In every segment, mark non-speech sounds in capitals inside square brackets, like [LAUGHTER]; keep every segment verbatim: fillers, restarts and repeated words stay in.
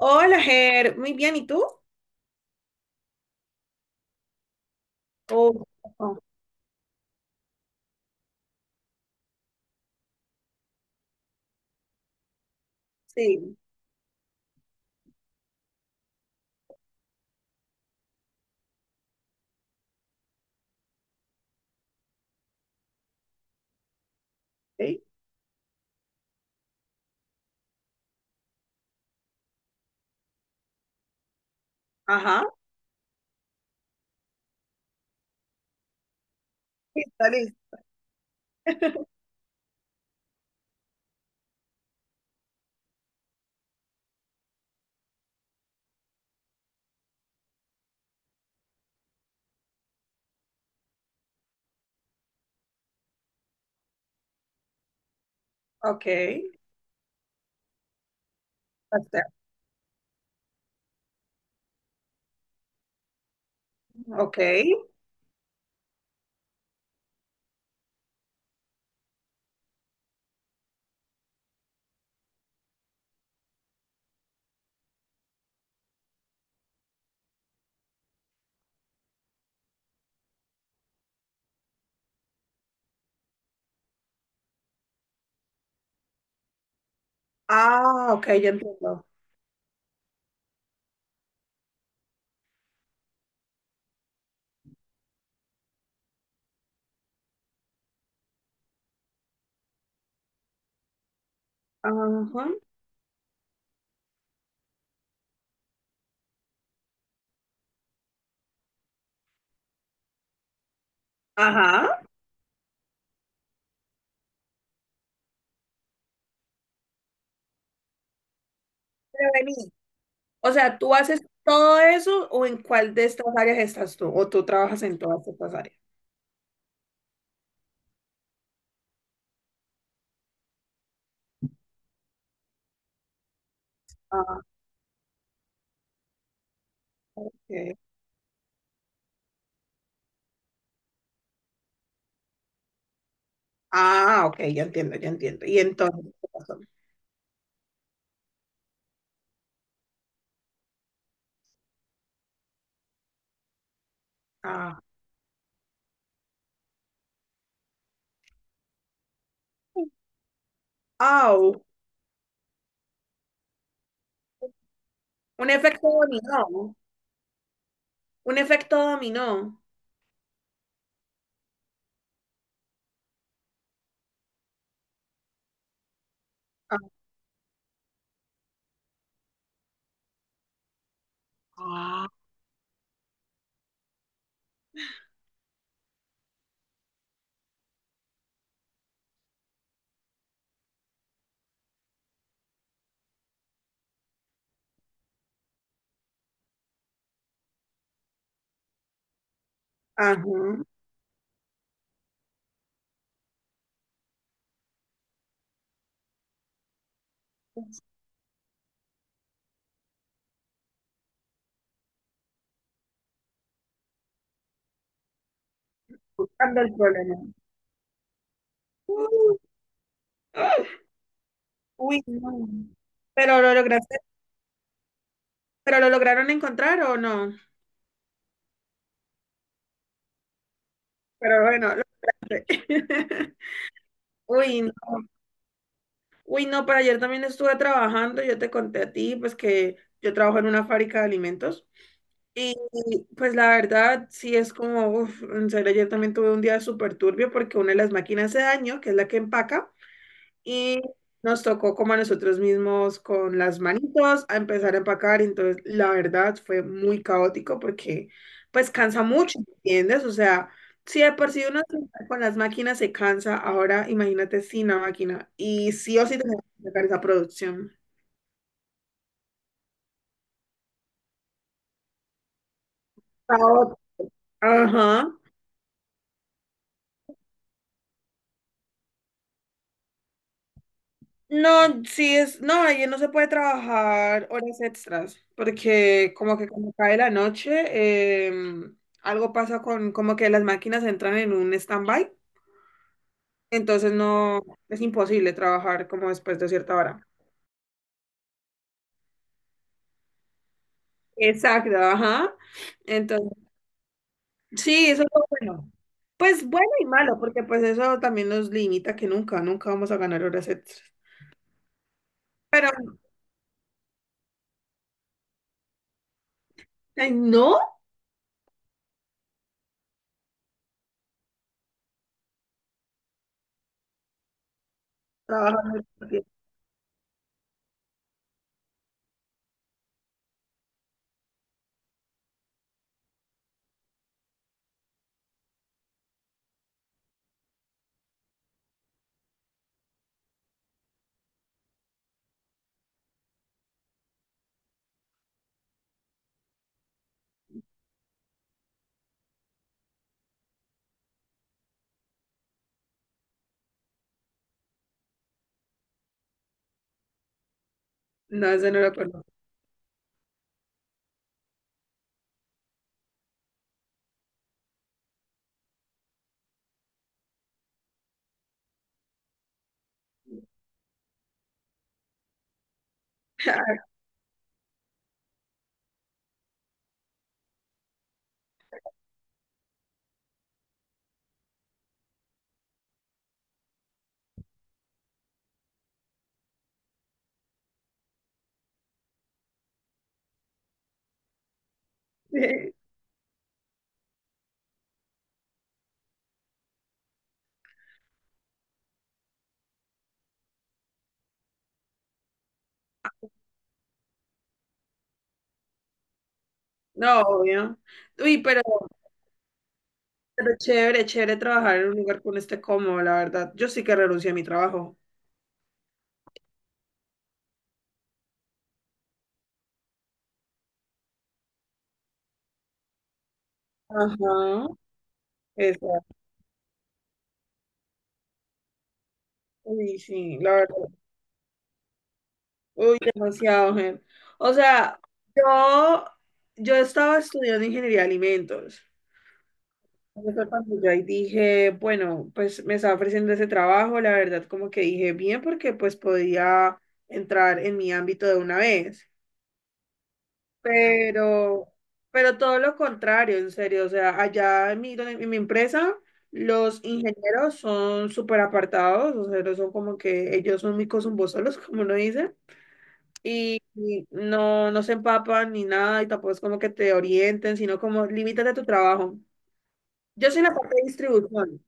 Hola, Ger. Muy bien, ¿y tú? Oh, oh, sí, sí. Ajá. Sí, está listo. Ok. Pastel. Ok. Ah, ok, ya entiendo. Ajá. Ajá. Pero vení. O sea, ¿tú haces todo eso o en cuál de estas áreas estás tú? ¿O tú trabajas en todas estas áreas? Ah, ok. Ah, ok, ya entiendo, ya entiendo. Y entonces, ¿qué pasó? Ah. Au. Un efecto dominó. Un efecto dominó. Ah. Ajá. Buscando el problema. Uh, uy, no. Pero lo lograste, ¿pero lo lograron encontrar o no? Pero bueno, lo lograste. [LAUGHS] Uy, no. Uy, no, pero ayer también estuve trabajando, yo te conté a ti, pues que yo trabajo en una fábrica de alimentos. Y pues la verdad, sí es como, uf, en serio, ayer también tuve un día súper turbio porque una de las máquinas se dañó, que es la que empaca. Y nos tocó como a nosotros mismos con las manitos a empezar a empacar. Entonces, la verdad fue muy caótico porque pues cansa mucho, ¿entiendes? O sea, si de por sí uno con las máquinas se cansa, ahora imagínate sin la máquina. Y sí o sí tenemos que sacar esa producción. Caótico. Ajá. No, sí es, no, ayer no se puede trabajar horas extras, porque como que cuando cae la noche, em, algo pasa con, como que las máquinas entran en un stand-by, entonces no, es imposible trabajar como después de cierta hora. Exacto, ajá. Entonces, sí, eso es lo bueno. Pues bueno y malo, porque pues eso también nos limita que nunca, nunca vamos a ganar horas extras. Pero, ay, no, trabajar mucho tiempo. No, eso no lo conozco. [LAUGHS] No, obvio. Uy, pero, pero chévere, chévere trabajar en un lugar con este cómodo, la verdad. Yo sí que renuncié a mi trabajo. Ajá. Exacto. Uy, sí, la verdad. Uy, demasiado, gente. O sea, yo, yo estaba estudiando ingeniería de alimentos. Entonces cuando yo ahí dije, bueno, pues me estaba ofreciendo ese trabajo, la verdad, como que dije bien, porque pues podía entrar en mi ámbito de una vez. Pero, pero todo lo contrario, en serio. O sea, allá en mi, donde- en mi empresa, los ingenieros son súper apartados, o sea, no son como que ellos son micos zumbosolos, [LAUGHS] como uno dice, y, y no, no se empapan ni nada, y tampoco es como que te orienten, sino como limítate a tu trabajo. Yo soy la parte de distribución,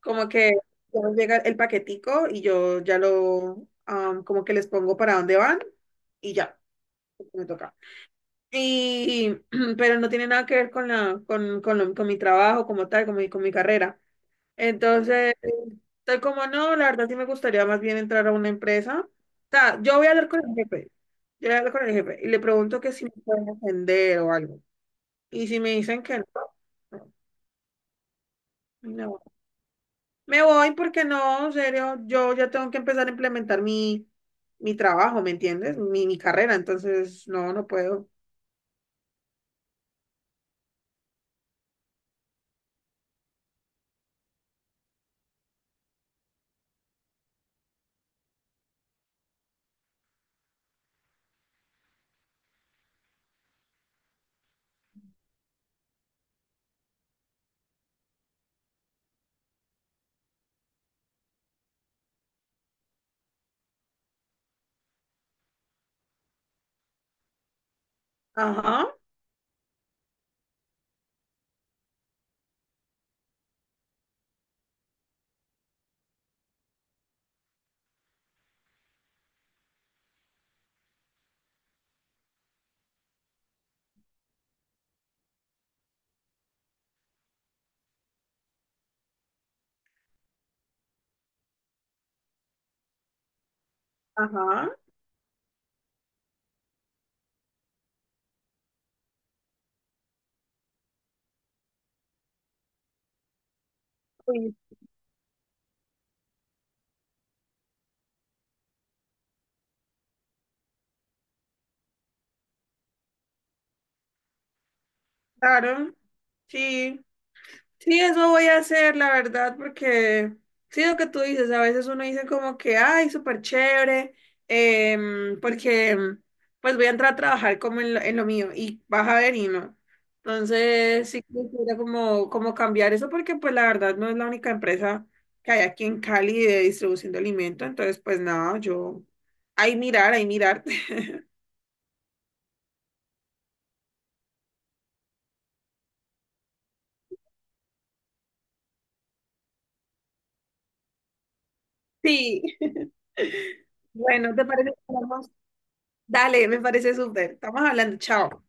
como que ya llega el paquetico y yo ya lo, am, como que les pongo para dónde van y ya, me toca. Y, [CLEARS THROAT] pero no tiene nada que ver con la, con, con, lo- con mi trabajo como tal, con mi, con mi carrera. Entonces, estoy como, no, la verdad sí me gustaría más bien entrar a una empresa. O sea, yo voy a hablar con el jefe. Yo voy a hablar con el jefe y le pregunto que si me pueden atender o algo. Y si me dicen que no, no, me me voy porque no, en serio, yo ya tengo que empezar a implementar mi, mi trabajo, ¿me entiendes? Mi, mi carrera, entonces no, no puedo. Ajá, ajá. Claro, sí, sí, eso voy a hacer, la verdad, porque sí, lo que tú dices, a veces uno dice como que, ay, súper chévere, em, porque em, pues voy a entrar a trabajar como en lo, en lo mío y vas a ver y no. Entonces, sí, quisiera como, como cambiar eso porque pues la verdad no es la única empresa que hay aquí en Cali de distribución de alimentos, entonces pues nada, yo, ahí mirar, ahí mirar. [LAUGHS] Sí. [LAUGHS] Bueno, ¿te parece que hablamos? Dale, me parece súper. Estamos hablando, chao.